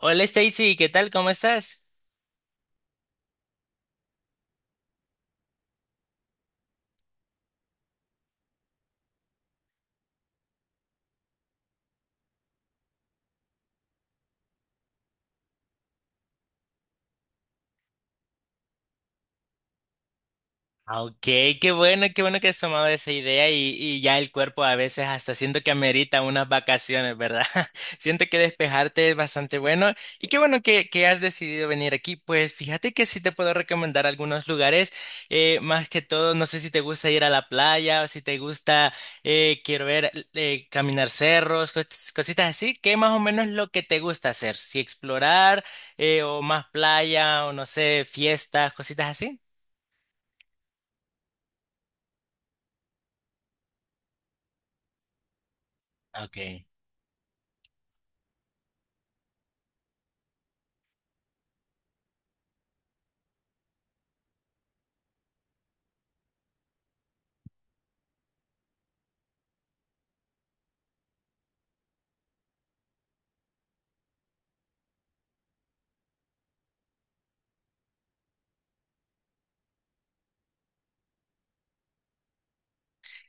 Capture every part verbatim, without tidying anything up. Hola Stacy, ¿qué tal? ¿Cómo estás? Ah, Ok, qué bueno, qué bueno que has tomado esa idea y, y ya el cuerpo a veces hasta siento que amerita unas vacaciones, ¿verdad? Siento que despejarte es bastante bueno y qué bueno que, que has decidido venir aquí. Pues fíjate que sí te puedo recomendar algunos lugares, eh, más que todo, no sé si te gusta ir a la playa o si te gusta, eh, quiero ver, eh, caminar cerros, cos- cositas así, que más o menos lo que te gusta hacer, si explorar, eh, o más playa o no sé, fiestas, cositas así. Ok.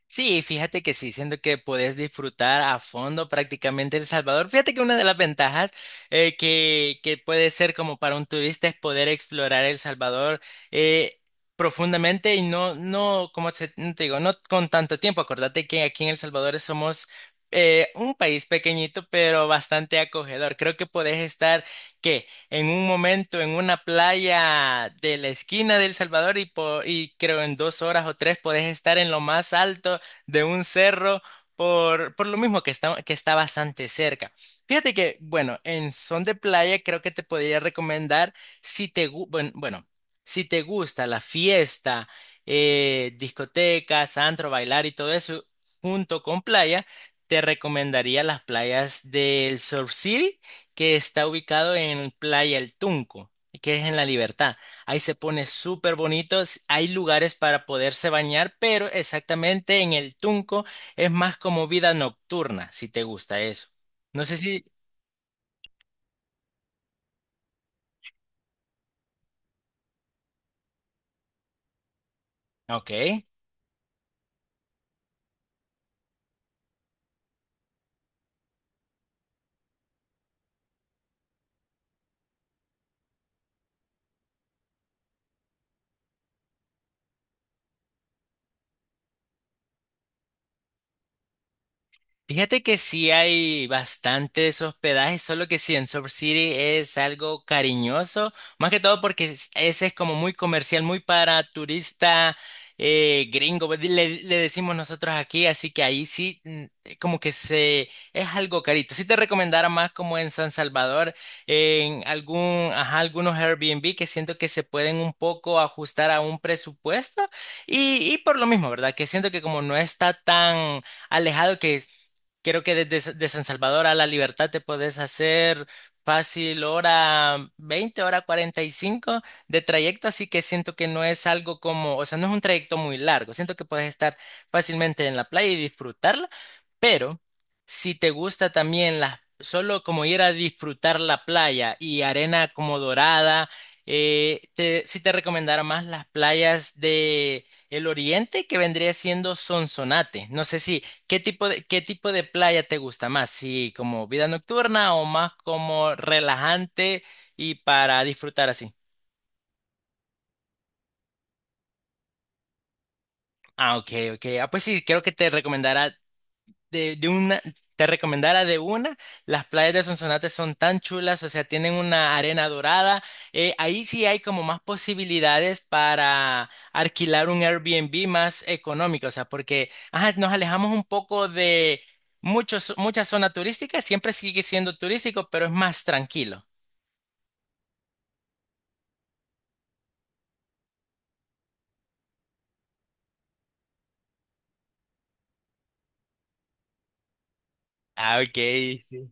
Sí, fíjate que sí, siento que puedes disfrutar a fondo prácticamente El Salvador. Fíjate que una de las ventajas eh, que, que puede ser como para un turista es poder explorar El Salvador eh, profundamente y no, no, como se- no te digo, no con tanto tiempo. Acordate que aquí en El Salvador somos eh, un país pequeñito, pero bastante acogedor. Creo que podés estar, ¿qué? En un momento en una playa de la esquina de El Salvador y, po- y creo en dos horas o tres podés estar en lo más alto de un cerro por, por lo mismo que está, que está bastante cerca. Fíjate que, bueno, en son de playa creo que te podría recomendar si te, gu- buen- bueno, si te gusta la fiesta, eh, discotecas, antro, bailar y todo eso junto con playa, te recomendaría las playas del Surf City, que está ubicado en Playa El Tunco, que es en La Libertad. Ahí se pone súper bonito. s- Hay lugares para poderse bañar, pero exactamente en el Tunco es más como vida nocturna, si te gusta eso. No sé si. Ok. Fíjate que sí hay bastantes hospedajes, solo que sí, en Surf City es algo cariñoso, más que todo porque es- ese es como muy comercial, muy para turista eh, gringo, pues, le, le decimos nosotros aquí, así que ahí sí mm, eh, como que se es algo carito. Sí te recomendara más como en San Salvador, en algún, ajá, algunos Airbnb que siento que se pueden un poco ajustar a un presupuesto y, y por lo mismo, ¿verdad? Que siento que como no está tan alejado que es. Creo que desde de San Salvador a La Libertad te puedes hacer fácil hora veinte hora cuarenta y cinco de trayecto, así que siento que no es algo como, o sea, no es un trayecto muy largo. Siento que puedes estar fácilmente en la playa y disfrutarla, pero si te gusta también la, solo como ir a disfrutar la playa y arena como dorada, eh, te, sí te recomendara más las playas de el oriente que vendría siendo Sonsonate. No sé si. ¿Qué tipo de, qué tipo de playa te gusta más? ¿Sí, como vida nocturna o más como relajante y para disfrutar así? Ah, ok, ok. Ah, pues sí, creo que te recomendará de, de una, te recomendara de una, las playas de Sonsonate son tan chulas, o sea, tienen una arena dorada. Eh, ahí sí hay como más posibilidades para alquilar un Airbnb más económico, o sea, porque ajá, nos alejamos un poco de muchos, mucha zona turística, siempre sigue siendo turístico, pero es más tranquilo. Ah, ok, sí.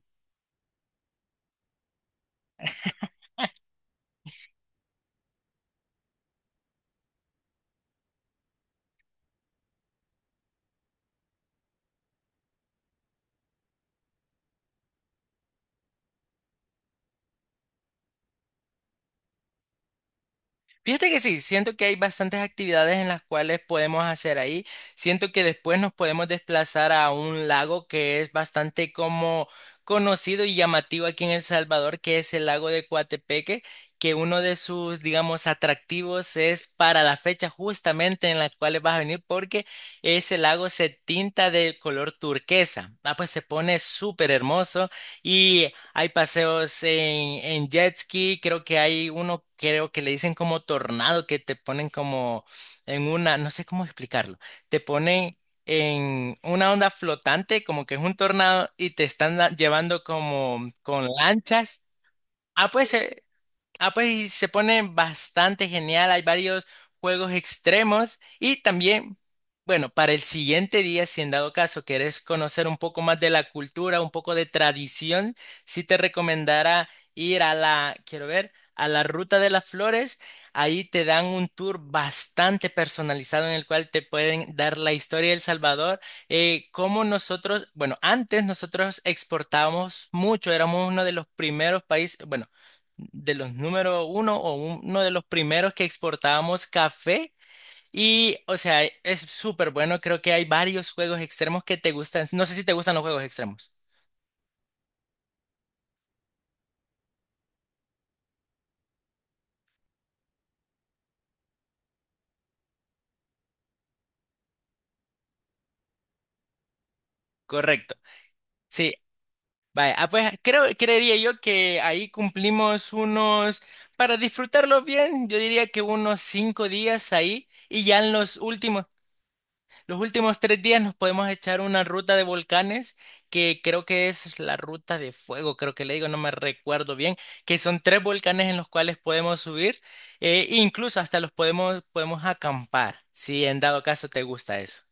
Fíjate que sí, siento que hay bastantes actividades en las cuales podemos hacer ahí. Siento que después nos podemos desplazar a un lago que es bastante como conocido y llamativo aquí en El Salvador, que es el lago de Coatepeque, que uno de sus, digamos, atractivos es para la fecha justamente en la cual vas a venir, porque ese lago se tinta de color turquesa. Ah, pues se pone súper hermoso. Y hay paseos en, en jet ski, creo que hay uno, creo que le dicen como tornado, que te ponen como en una, no sé cómo explicarlo, te ponen en una onda flotante, como que es un tornado, y te están da- llevando como con lanchas. Ah, pues eh, Ah, pues y se pone bastante genial. Hay varios juegos extremos y también, bueno, para el siguiente día, si en dado caso quieres conocer un poco más de la cultura, un poco de tradición, sí te recomendara ir a la, quiero ver, a la Ruta de las Flores. Ahí te dan un tour bastante personalizado en el cual te pueden dar la historia de El Salvador, eh, cómo nosotros, bueno, antes nosotros exportábamos mucho, éramos uno de los primeros países, bueno de los número uno o uno de los primeros que exportábamos café. Y, o sea, es súper bueno. Creo que hay varios juegos extremos que te gustan. No sé si te gustan los juegos extremos. Correcto. Sí. Vaya, ah, pues creo, creería yo que ahí cumplimos unos, para disfrutarlos bien, yo diría que unos cinco días ahí y ya en los últimos. Los últimos tres días nos podemos echar una ruta de volcanes que creo que es la ruta de fuego, creo que le digo, no me recuerdo bien, que son tres volcanes en los cuales podemos subir, eh, incluso hasta los podemos, podemos acampar, si en dado caso te gusta eso.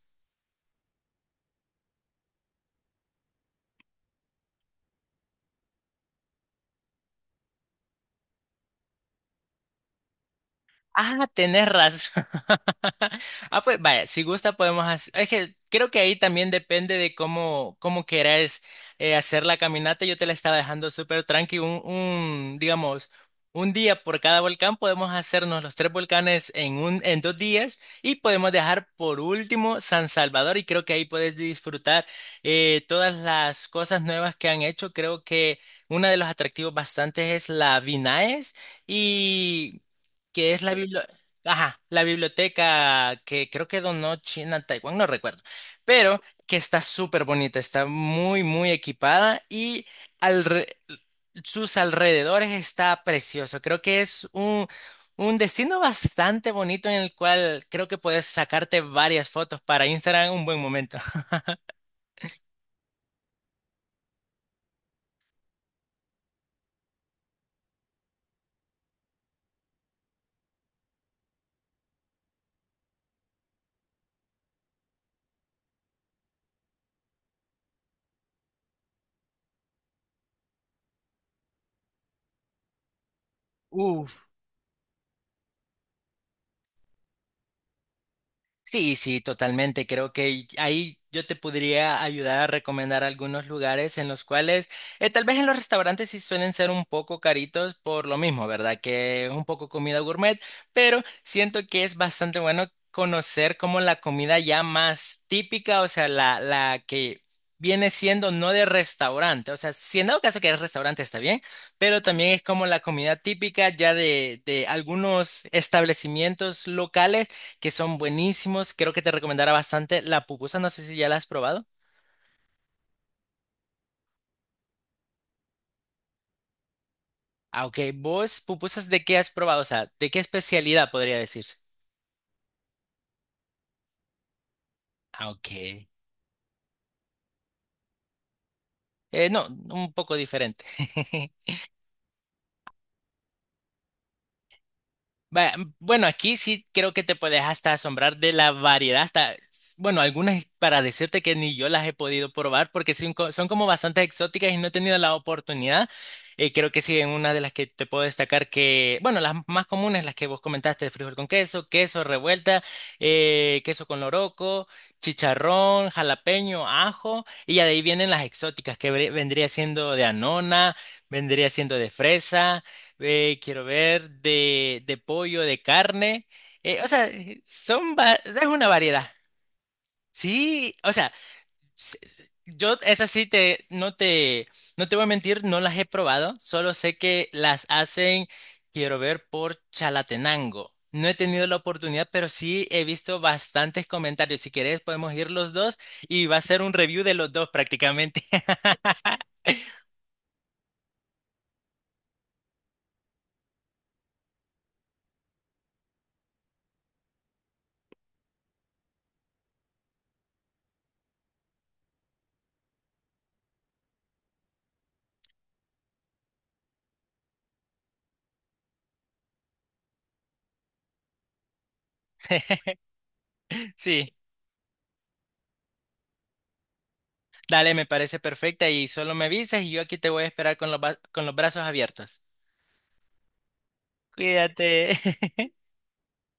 Ah, tenés razón. Ah, pues vaya, si gusta podemos hacer. Es que creo que ahí también depende de cómo, cómo querés eh, hacer la caminata. Yo te la estaba dejando súper tranqui. Un, un, digamos, un día por cada volcán podemos hacernos los tres volcanes en un, en dos días y podemos dejar por último San Salvador. Y creo que ahí puedes disfrutar eh, todas las cosas nuevas que han hecho. Creo que uno de los atractivos bastantes es la Vinaes. Y que es la bibli- Ajá, la biblioteca que creo que donó China a Taiwán, no recuerdo, pero que está súper bonita, está muy, muy equipada y alre- sus alrededores está precioso. Creo que es un, un destino bastante bonito en el cual creo que puedes sacarte varias fotos para Instagram, un buen momento. Uf. Sí, sí, totalmente. Creo que ahí yo te podría ayudar a recomendar algunos lugares en los cuales, eh, tal vez en los restaurantes sí suelen ser un poco caritos por lo mismo, ¿verdad? Que es un poco comida gourmet, pero siento que es bastante bueno conocer como la comida ya más típica, o sea, la, la que viene siendo no de restaurante, o sea, si en dado caso que es restaurante está bien, pero también es como la comida típica ya de, de algunos establecimientos locales que son buenísimos. Creo que te recomendará bastante la pupusa. No sé si ya la has probado. Ah, ok. ¿Vos pupusas de qué has probado? O sea, ¿de qué especialidad podría decir? Ah, ok. Eh, no, un poco diferente. Va- Bueno, aquí sí creo que te puedes hasta asombrar de la variedad, hasta, s- bueno, algunas para decirte que ni yo las he podido probar porque son, co- son como bastante exóticas y no he tenido la oportunidad. Eh, creo que sí, en una de las que te puedo destacar que, bueno, las más comunes, las que vos comentaste, de frijol con queso, queso revuelta, eh, queso con loroco, chicharrón, jalapeño, ajo, y ya de ahí vienen las exóticas que ve- vendría siendo de anona, vendría siendo de fresa. Eh, quiero ver de, de pollo, de carne. Eh, o sea, son va- es una variedad. Sí, o sea, s- s- yo esas sí te no te no te voy a mentir, no las he probado, solo sé que las hacen, quiero ver, por Chalatenango. No he tenido la oportunidad, pero sí he visto bastantes comentarios. Si querés, podemos ir los dos y va a ser un review de los dos prácticamente. Sí. Dale, me parece perfecta y solo me avisas y yo aquí te voy a esperar con los, ba- con los brazos abiertos. Cuídate.